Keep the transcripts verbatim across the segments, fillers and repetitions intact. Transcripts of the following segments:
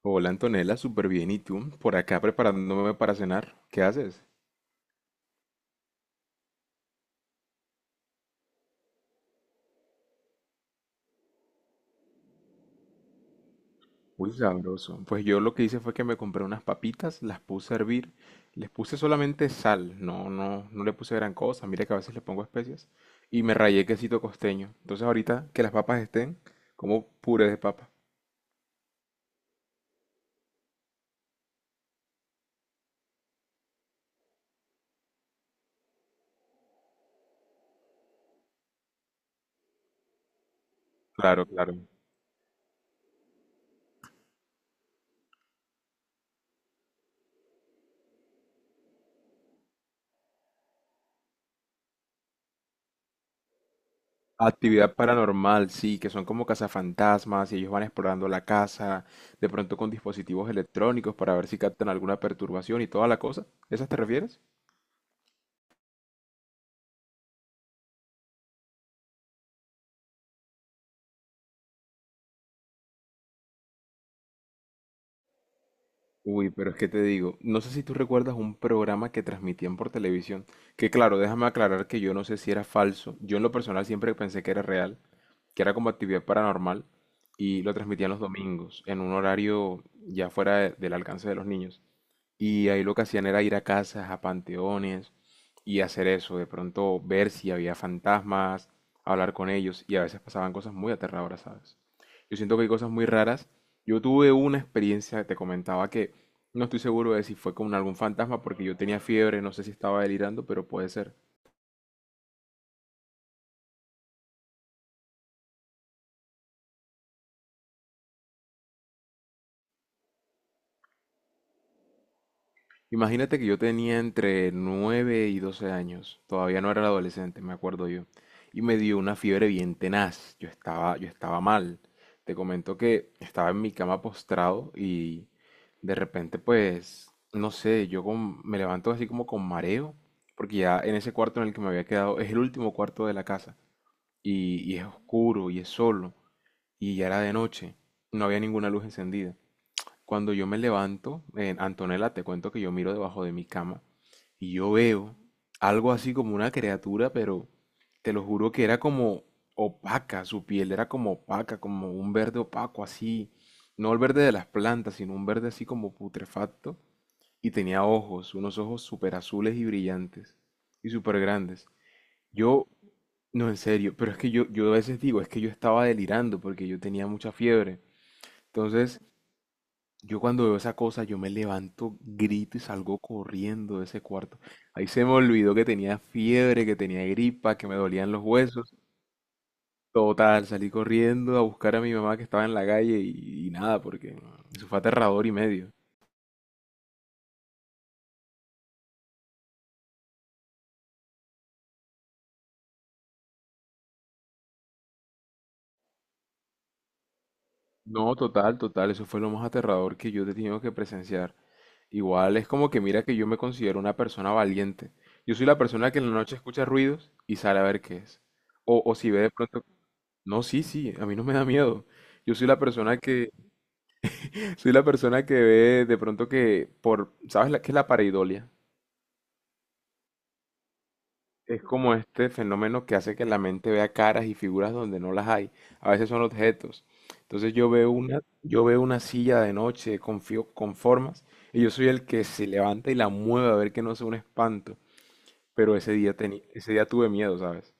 Hola Antonella, súper bien. ¿Y tú? Por acá preparándome para cenar. ¿Qué haces? Muy sabroso. Pues yo lo que hice fue que me compré unas papitas, las puse a hervir, les puse solamente sal, no, no, no le puse gran cosa. Mira que a veces le pongo especias y me rayé quesito costeño. Entonces ahorita que las papas estén, como puré de papa. Claro, claro. Actividad paranormal, sí, que son como cazafantasmas y ellos van explorando la casa, de pronto con dispositivos electrónicos para ver si captan alguna perturbación y toda la cosa. ¿Esas te refieres? Uy, pero es que te digo, no sé si tú recuerdas un programa que transmitían por televisión, que claro, déjame aclarar que yo no sé si era falso, yo en lo personal siempre pensé que era real, que era como actividad paranormal, y lo transmitían los domingos, en un horario ya fuera de- del alcance de los niños. Y ahí lo que hacían era ir a casas, a panteones y hacer eso, de pronto ver si había fantasmas, hablar con ellos y a veces pasaban cosas muy aterradoras, ¿sabes? Yo siento que hay cosas muy raras. Yo tuve una experiencia, te comentaba que no estoy seguro de si fue con algún fantasma porque yo tenía fiebre, no sé si estaba delirando, pero puede ser. Imagínate que yo tenía entre nueve y doce años, todavía no era adolescente, me acuerdo yo, y me dio una fiebre bien tenaz, yo estaba, yo estaba mal. Te comento que estaba en mi cama postrado y de repente pues, no sé, yo con- me levanto así como con mareo, porque ya en ese cuarto en el que me había quedado es el último cuarto de la casa y, y es oscuro y es solo y ya era de noche, no había ninguna luz encendida. Cuando yo me levanto, eh, Antonella, te cuento que yo miro debajo de mi cama y yo veo algo así como una criatura, pero te lo juro que era como opaca, su piel era como opaca, como un verde opaco así, no el verde de las plantas, sino un verde así como putrefacto, y tenía ojos, unos ojos súper azules y brillantes, y súper grandes. Yo, no en serio, pero es que yo, yo a veces digo, es que yo estaba delirando porque yo tenía mucha fiebre. Entonces, yo cuando veo esa cosa, yo me levanto, grito y salgo corriendo de ese cuarto. Ahí se me olvidó que tenía fiebre, que tenía gripa, que me dolían los huesos. Total, salí corriendo a buscar a mi mamá que estaba en la calle y, y nada, porque eso fue aterrador y medio. No, total, total, eso fue lo más aterrador que yo he tenido que presenciar. Igual es como que mira que yo me considero una persona valiente. Yo soy la persona que en la noche escucha ruidos y sale a ver qué es. O, o si ve de pronto... No, sí, sí, a mí no me da miedo. Yo soy la persona que, soy la persona que ve de pronto que por, ¿sabes la, qué es la pareidolia? Es como este fenómeno que hace que la mente vea caras y figuras donde no las hay. A veces son objetos. Entonces yo veo una, yo veo una silla de noche con, fio- con formas y yo soy el que se levanta y la mueve a ver que no sea un espanto. Pero ese día teni- ese día tuve miedo, ¿sabes?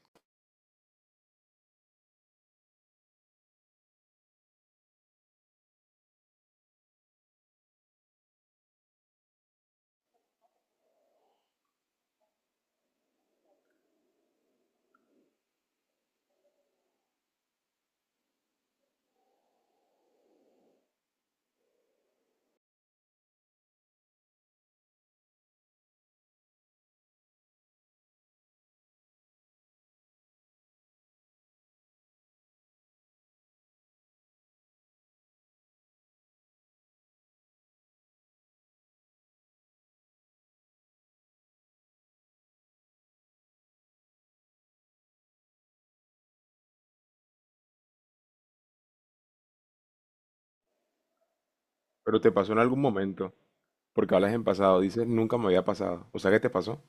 Pero te pasó en algún momento, porque hablas en pasado, dices nunca me había pasado. O sea, ¿qué te pasó?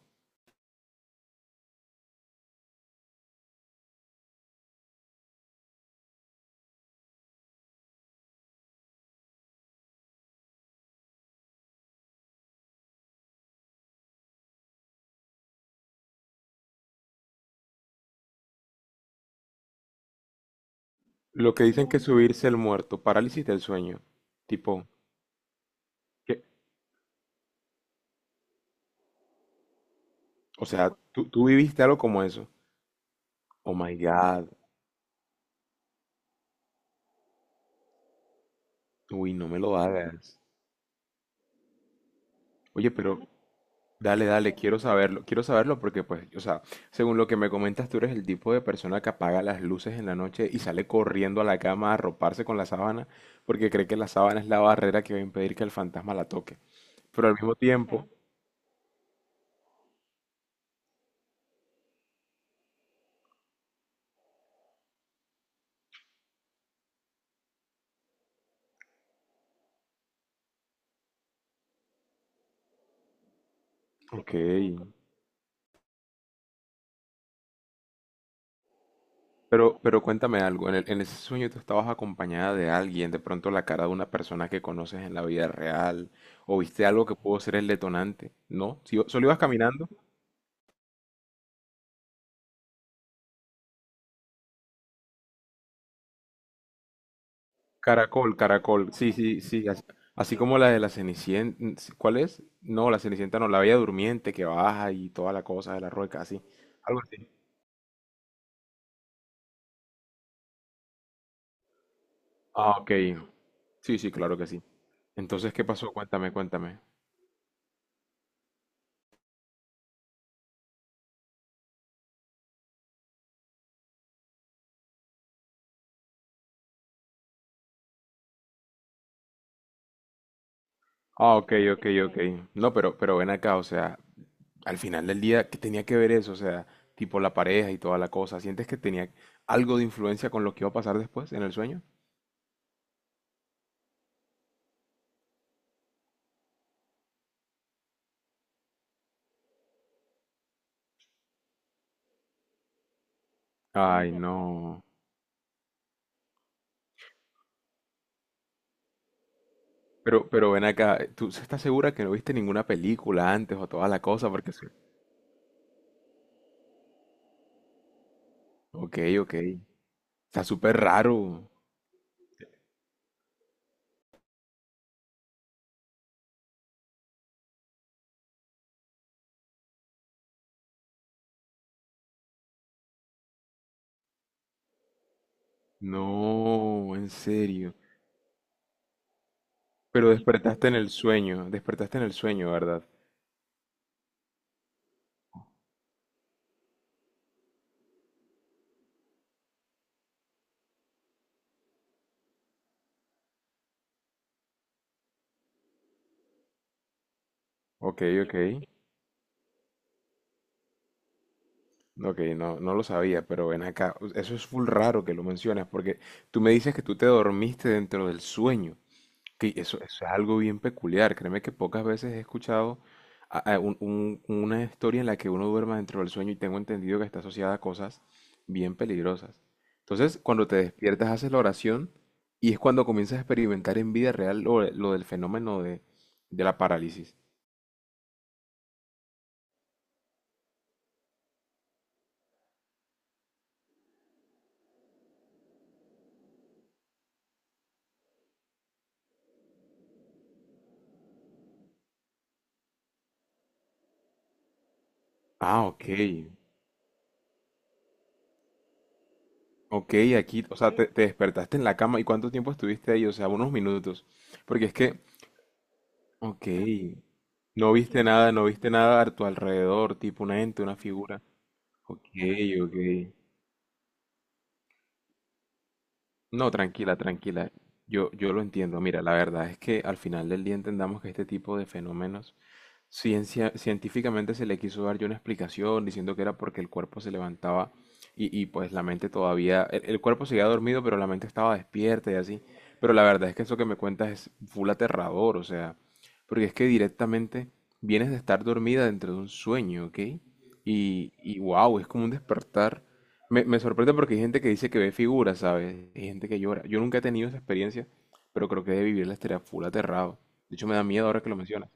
Lo que dicen que subirse el muerto, parálisis del sueño. Tipo, que. O sea, tú, tú viviste algo como eso. Oh my God. Uy, no me lo hagas. Oye, pero dale, dale, quiero saberlo. Quiero saberlo porque, pues, o sea, según lo que me comentas, tú eres el tipo de persona que apaga las luces en la noche y sale corriendo a la cama a arroparse con la sábana porque cree que la sábana es la barrera que va a impedir que el fantasma la toque. Pero al mismo tiempo, ok, Pero, pero cuéntame algo, en el- en ese sueño tú estabas acompañada de alguien, de pronto la cara de una persona que conoces en la vida real, o viste algo que pudo ser el detonante, ¿no? Si solo ibas caminando, caracol, caracol, sí, sí, sí, así, así como la de la Cenicienta, ¿cuál es? No, la Cenicienta no, la Bella Durmiente que baja y toda la cosa de la rueca, así, algo así. Ah, ok, sí, sí, claro que sí. Entonces, ¿qué pasó? Cuéntame, cuéntame. Ah, ok, ok, ok. No, pero, pero ven acá, o sea, al final del día, ¿qué tenía que ver eso? O sea, tipo la pareja y toda la cosa. ¿Sientes que tenía algo de influencia con lo que iba a pasar después en el sueño? Ay, no. Pero, pero ven acá, ¿tú estás segura que no viste ninguna película antes o toda la cosa? Porque, sí. Ok, ok. Está súper raro. No, en serio. Pero despertaste en el sueño, despertaste en el sueño, ¿verdad? Ok, ok. Ok, no, no lo sabía, pero ven acá. Eso es full raro que lo mencionas, porque tú me dices que tú te dormiste dentro del sueño. Sí, eso, eso es algo bien peculiar. Créeme que pocas veces he escuchado a- a un- un- una historia en la que uno duerma dentro del sueño y tengo entendido que está asociada a cosas bien peligrosas. Entonces, cuando te despiertas, haces la oración y es cuando comienzas a experimentar en vida real lo, de- lo del fenómeno de, de la parálisis. Ah, ok. Ok, aquí, o sea, te, te despertaste en la cama. ¿Y cuánto tiempo estuviste ahí? O sea, unos minutos. Porque es que, ok, no viste nada, no viste nada a tu alrededor, tipo un ente, una figura. Ok, ok. No, tranquila, tranquila. Yo, yo lo entiendo. Mira, la verdad es que al final del día entendamos que este tipo de fenómenos ciencia, científicamente se le quiso dar yo una explicación diciendo que era porque el cuerpo se levantaba y, y, pues la mente todavía, el, el cuerpo seguía dormido pero la mente estaba despierta y así. Pero la verdad es que eso que me cuentas es full aterrador, o sea, porque es que directamente vienes de estar dormida dentro de un sueño, ¿ok? Y, y wow, es como un despertar. Me, me sorprende porque hay gente que dice que ve figuras, ¿sabes? Hay gente que llora. Yo nunca he tenido esa experiencia, pero creo que de vivirla estaría full aterrado. De hecho, me da miedo ahora que lo mencionas.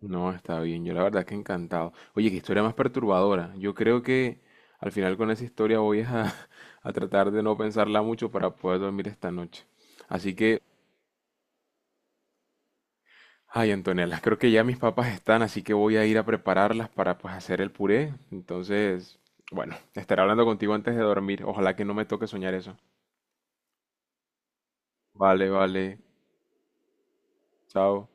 No, está bien. Yo la verdad que encantado. Oye, qué historia más perturbadora. Yo creo que al final con esa historia voy es a, a tratar de no pensarla mucho para poder dormir esta noche. Así que, ay, Antonella, creo que ya mis papas están, así que voy a ir a prepararlas para pues hacer el puré. Entonces, bueno, estaré hablando contigo antes de dormir. Ojalá que no me toque soñar eso. Vale, vale. Chao.